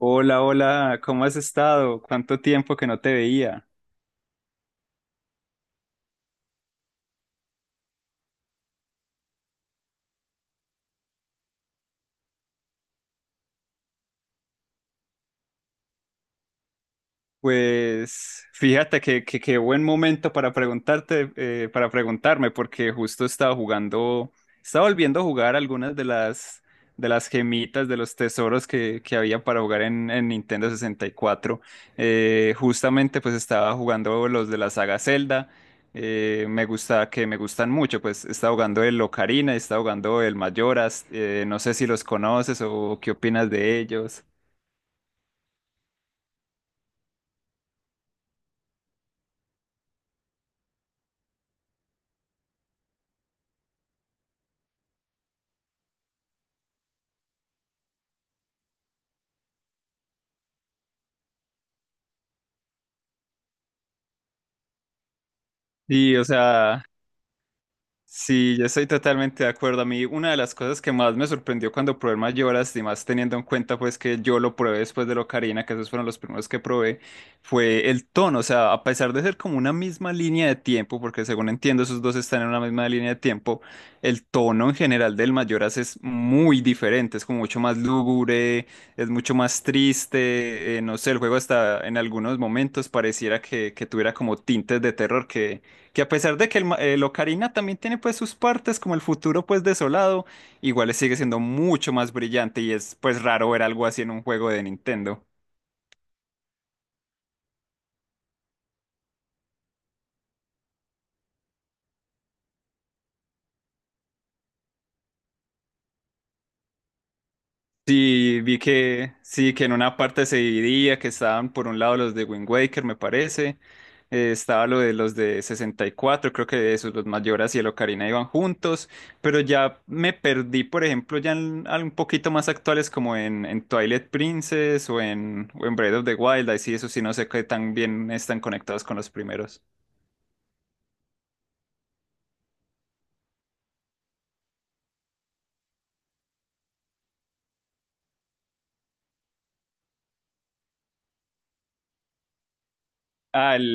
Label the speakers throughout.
Speaker 1: Hola, hola, ¿cómo has estado? ¿Cuánto tiempo que no te veía? Pues fíjate qué buen momento para preguntarme, porque justo estaba jugando, estaba volviendo a jugar algunas de las gemitas, de los tesoros que había para jugar en Nintendo 64. Justamente pues estaba jugando los de la saga Zelda, me gustan mucho. Pues estaba jugando el Ocarina, estaba jugando el Mayoras. No sé si los conoces o qué opinas de ellos. Sí, o sea, sí, yo estoy totalmente de acuerdo. A mí una de las cosas que más me sorprendió cuando probé el Mayoras, y más teniendo en cuenta pues que yo lo probé después de Locarina, que esos fueron los primeros que probé, fue el tono. O sea, a pesar de ser como una misma línea de tiempo, porque según entiendo esos dos están en una misma línea de tiempo, el tono en general del Mayoras es muy diferente, es como mucho más lúgubre, es mucho más triste. No sé, el juego hasta en algunos momentos pareciera que tuviera como tintes de terror, que a pesar de que el Ocarina también tiene pues sus partes como el futuro pues desolado, igual sigue siendo mucho más brillante, y es pues raro ver algo así en un juego de Nintendo. Sí, vi que sí, que en una parte se dividía, que estaban por un lado los de Wind Waker, me parece. Estaba lo de los de 64, creo que esos, los Mayoras y el Ocarina iban juntos. Pero ya me perdí, por ejemplo, ya un poquito más actuales como en Twilight Princess o en Breath of the Wild. Ahí sí, eso sí, no sé qué tan bien están conectados con los primeros. Al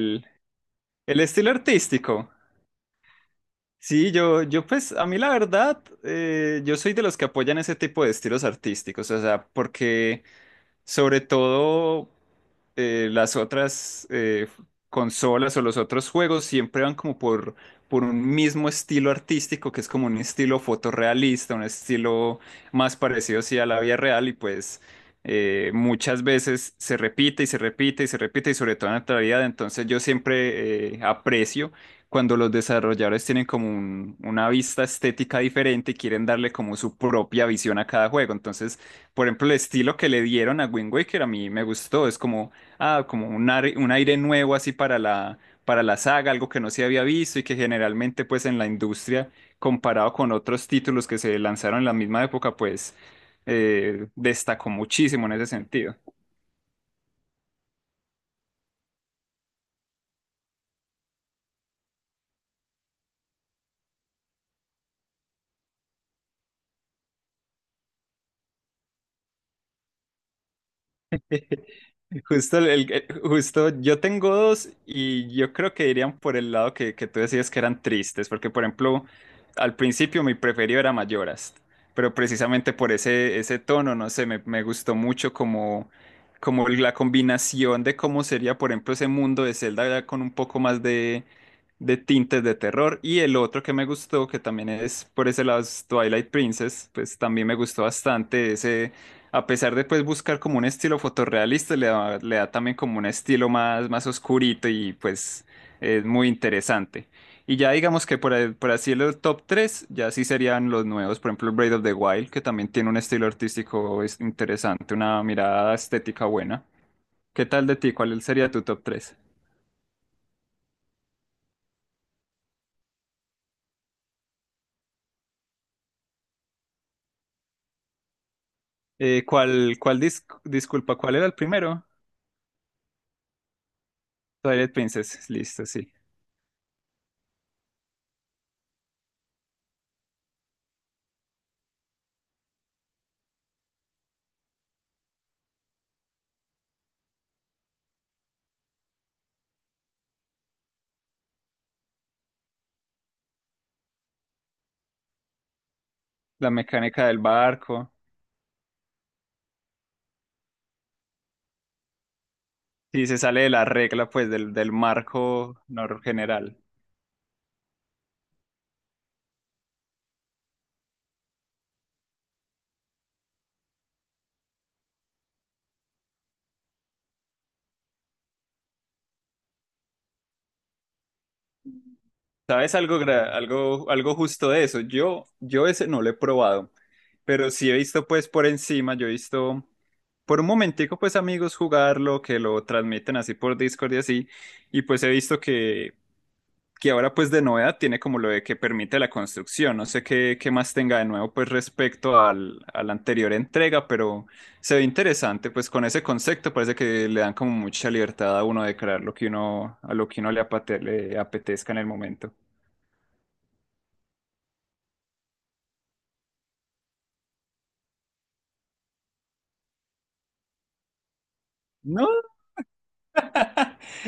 Speaker 1: El estilo artístico. Sí, yo pues a mí la verdad, yo soy de los que apoyan ese tipo de estilos artísticos, o sea, porque sobre todo, las otras, consolas o los otros juegos siempre van como por un mismo estilo artístico, que es como un estilo fotorrealista, un estilo más parecido sí, a la vida real, y pues muchas veces se repite y se repite y se repite, y sobre todo en la actualidad. Entonces yo siempre, aprecio cuando los desarrolladores tienen como una vista estética diferente y quieren darle como su propia visión a cada juego. Entonces, por ejemplo, el estilo que le dieron a Wind Waker a mí me gustó. Es como, ah, como un aire nuevo así para para la saga, algo que no se había visto y que generalmente pues en la industria, comparado con otros títulos que se lanzaron en la misma época, pues destacó muchísimo en ese sentido. Justo, justo yo tengo dos, y yo creo que irían por el lado que tú decías que eran tristes, porque por ejemplo, al principio mi preferido era Mayoras, pero precisamente por ese tono. No sé, me gustó mucho como la combinación de cómo sería, por ejemplo, ese mundo de Zelda ya con un poco más de tintes de terror. Y el otro que me gustó, que también es por ese lado, es Twilight Princess. Pues también me gustó bastante ese, a pesar de pues buscar como un estilo fotorrealista, le da también como un estilo más, más oscurito, y pues es muy interesante. Y ya digamos que por así el top 3 ya sí serían los nuevos, por ejemplo Braid of the Wild, que también tiene un estilo artístico interesante, una mirada estética buena. ¿Qué tal de ti? ¿Cuál sería tu top tres? Disculpa, ¿cuál era el primero? Twilight Princess, listo, sí. La mecánica del barco. Sí, se sale de la regla, pues, del, del marco general. ¿Sabes algo, algo justo de eso? Yo ese no lo he probado, pero sí he visto, pues, por encima. Yo he visto por un momentico, pues, amigos jugarlo, que lo transmiten así por Discord y así. Y pues he visto que ahora pues de novedad tiene como lo de que permite la construcción. No sé qué más tenga de nuevo pues respecto a la anterior entrega, pero se ve interesante. Pues con ese concepto parece que le dan como mucha libertad a uno de crear lo que uno, a lo que uno le apetezca en el momento. No,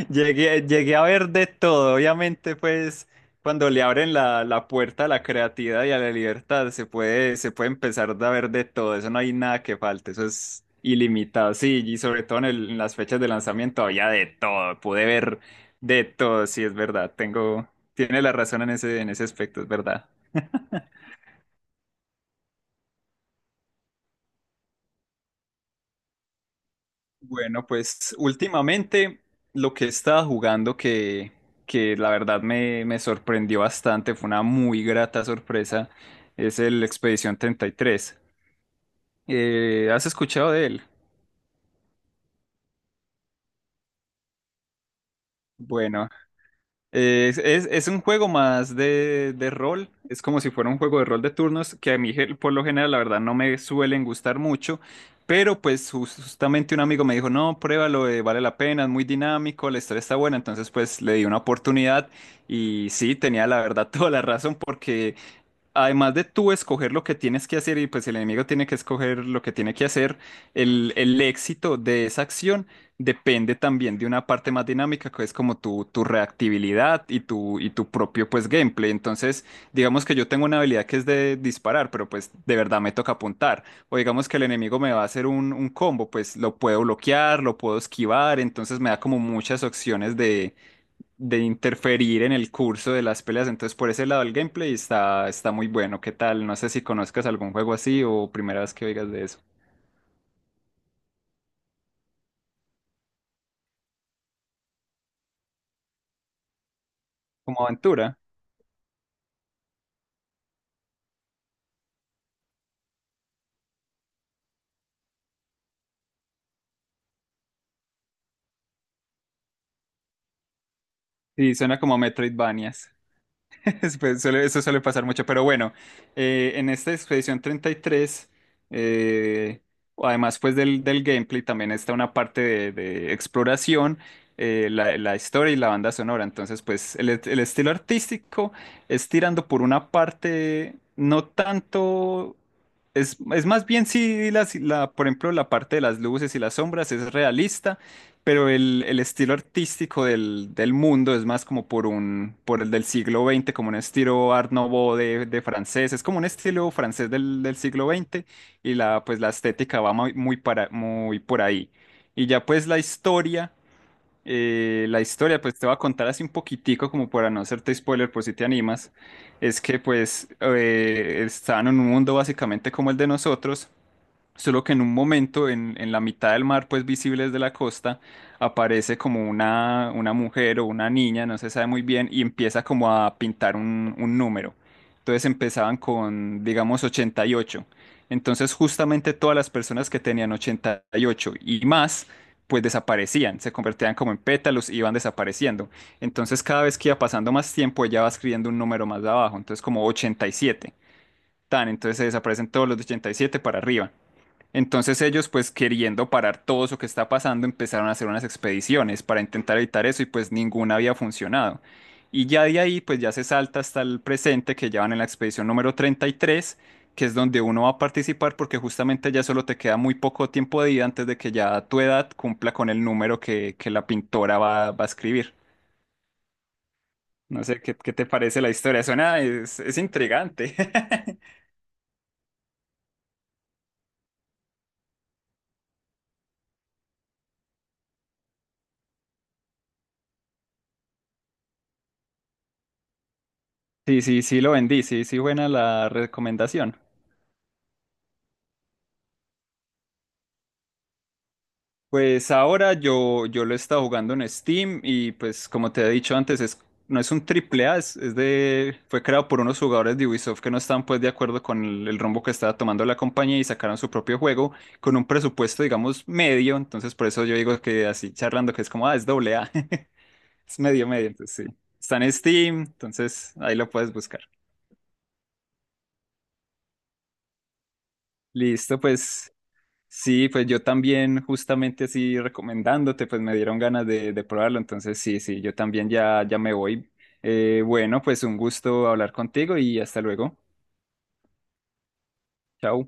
Speaker 1: Llegué a ver de todo, obviamente. Pues cuando le abren la puerta a la creatividad y a la libertad, se puede empezar a ver de todo, eso no hay nada que falte, eso es ilimitado. Sí, y sobre todo en las fechas de lanzamiento había de todo, pude ver de todo, sí, es verdad. Tiene la razón en en ese aspecto, es verdad. Bueno, pues últimamente lo que he estado jugando que la verdad me sorprendió bastante, fue una muy grata sorpresa, es el Expedición 33. ¿Has escuchado de él? Bueno, es un juego más de rol, es como si fuera un juego de rol de turnos que a mí por lo general la verdad no me suelen gustar mucho. Pero pues justamente un amigo me dijo, no, pruébalo, vale la pena, es muy dinámico, la historia está buena. Entonces pues le di una oportunidad, y sí, tenía la verdad toda la razón, porque además de tú escoger lo que tienes que hacer, y pues el enemigo tiene que escoger lo que tiene que hacer, el éxito de esa acción depende también de una parte más dinámica, que es como tu reactibilidad, y tu propio pues gameplay. Entonces, digamos que yo tengo una habilidad que es de disparar, pero pues de verdad me toca apuntar. O digamos que el enemigo me va a hacer un combo, pues lo puedo bloquear, lo puedo esquivar. Entonces me da como muchas opciones de interferir en el curso de las peleas. Entonces, por ese lado, el gameplay está muy bueno. ¿Qué tal? No sé si conozcas algún juego así o primera vez que oigas de eso. Como aventura. Sí, suena como Metroidvanias. Pues eso suele pasar mucho, pero bueno, en esta expedición 33, eh, además pues del gameplay, también está una parte de exploración. La historia y la banda sonora, entonces pues el estilo artístico es tirando por una parte, no tanto, es más bien, si la, la- por ejemplo, la parte de las luces y las sombras es realista, pero el estilo artístico del mundo es más como por el del siglo XX, como un estilo Art Nouveau de francés. Es como un estilo francés del siglo XX, y la, pues la estética va muy, muy por ahí. Y ya pues la historia pues te voy a contar así un poquitico como para no hacerte spoiler por si te animas. Es que pues estaban en un mundo básicamente como el de nosotros. Solo que en un momento, en la mitad del mar, pues visibles de la costa, aparece como una mujer o una niña, no se sabe muy bien, y empieza como a pintar un número. Entonces empezaban con, digamos, 88. Entonces justamente todas las personas que tenían 88 y ocho y más, pues desaparecían, se convertían como en pétalos y iban desapareciendo. Entonces cada vez que iba pasando más tiempo, ella va escribiendo un número más abajo, entonces como 87. Tan, entonces se desaparecen todos los de 87 para arriba. Entonces ellos, pues queriendo parar todo eso que está pasando, empezaron a hacer unas expediciones para intentar evitar eso, y pues ninguna había funcionado. Y ya de ahí, pues ya se salta hasta el presente, que ya van en la expedición número 33, que es donde uno va a participar, porque justamente ya solo te queda muy poco tiempo de vida antes de que ya tu edad cumpla con el número que la pintora va a escribir. No sé, ¿qué, qué te parece la historia? Suena, es intrigante. Sí, sí, sí, lo vendí, sí, sí, buena la recomendación. Pues ahora yo lo he estado jugando en Steam, y pues como te he dicho antes, es, no es un triple A, es, fue creado por unos jugadores de Ubisoft que no estaban pues de acuerdo con el rumbo que estaba tomando la compañía, y sacaron su propio juego con un presupuesto digamos medio. Entonces por eso yo digo que así charlando que es como, ah, es doble A, es medio medio, entonces sí. Está en Steam, entonces ahí lo puedes buscar. Listo, pues sí, pues yo también, justamente así recomendándote, pues me dieron ganas de probarlo. Entonces, sí, sí, yo también ya, ya me voy. Bueno, pues un gusto hablar contigo, y hasta luego. Chao.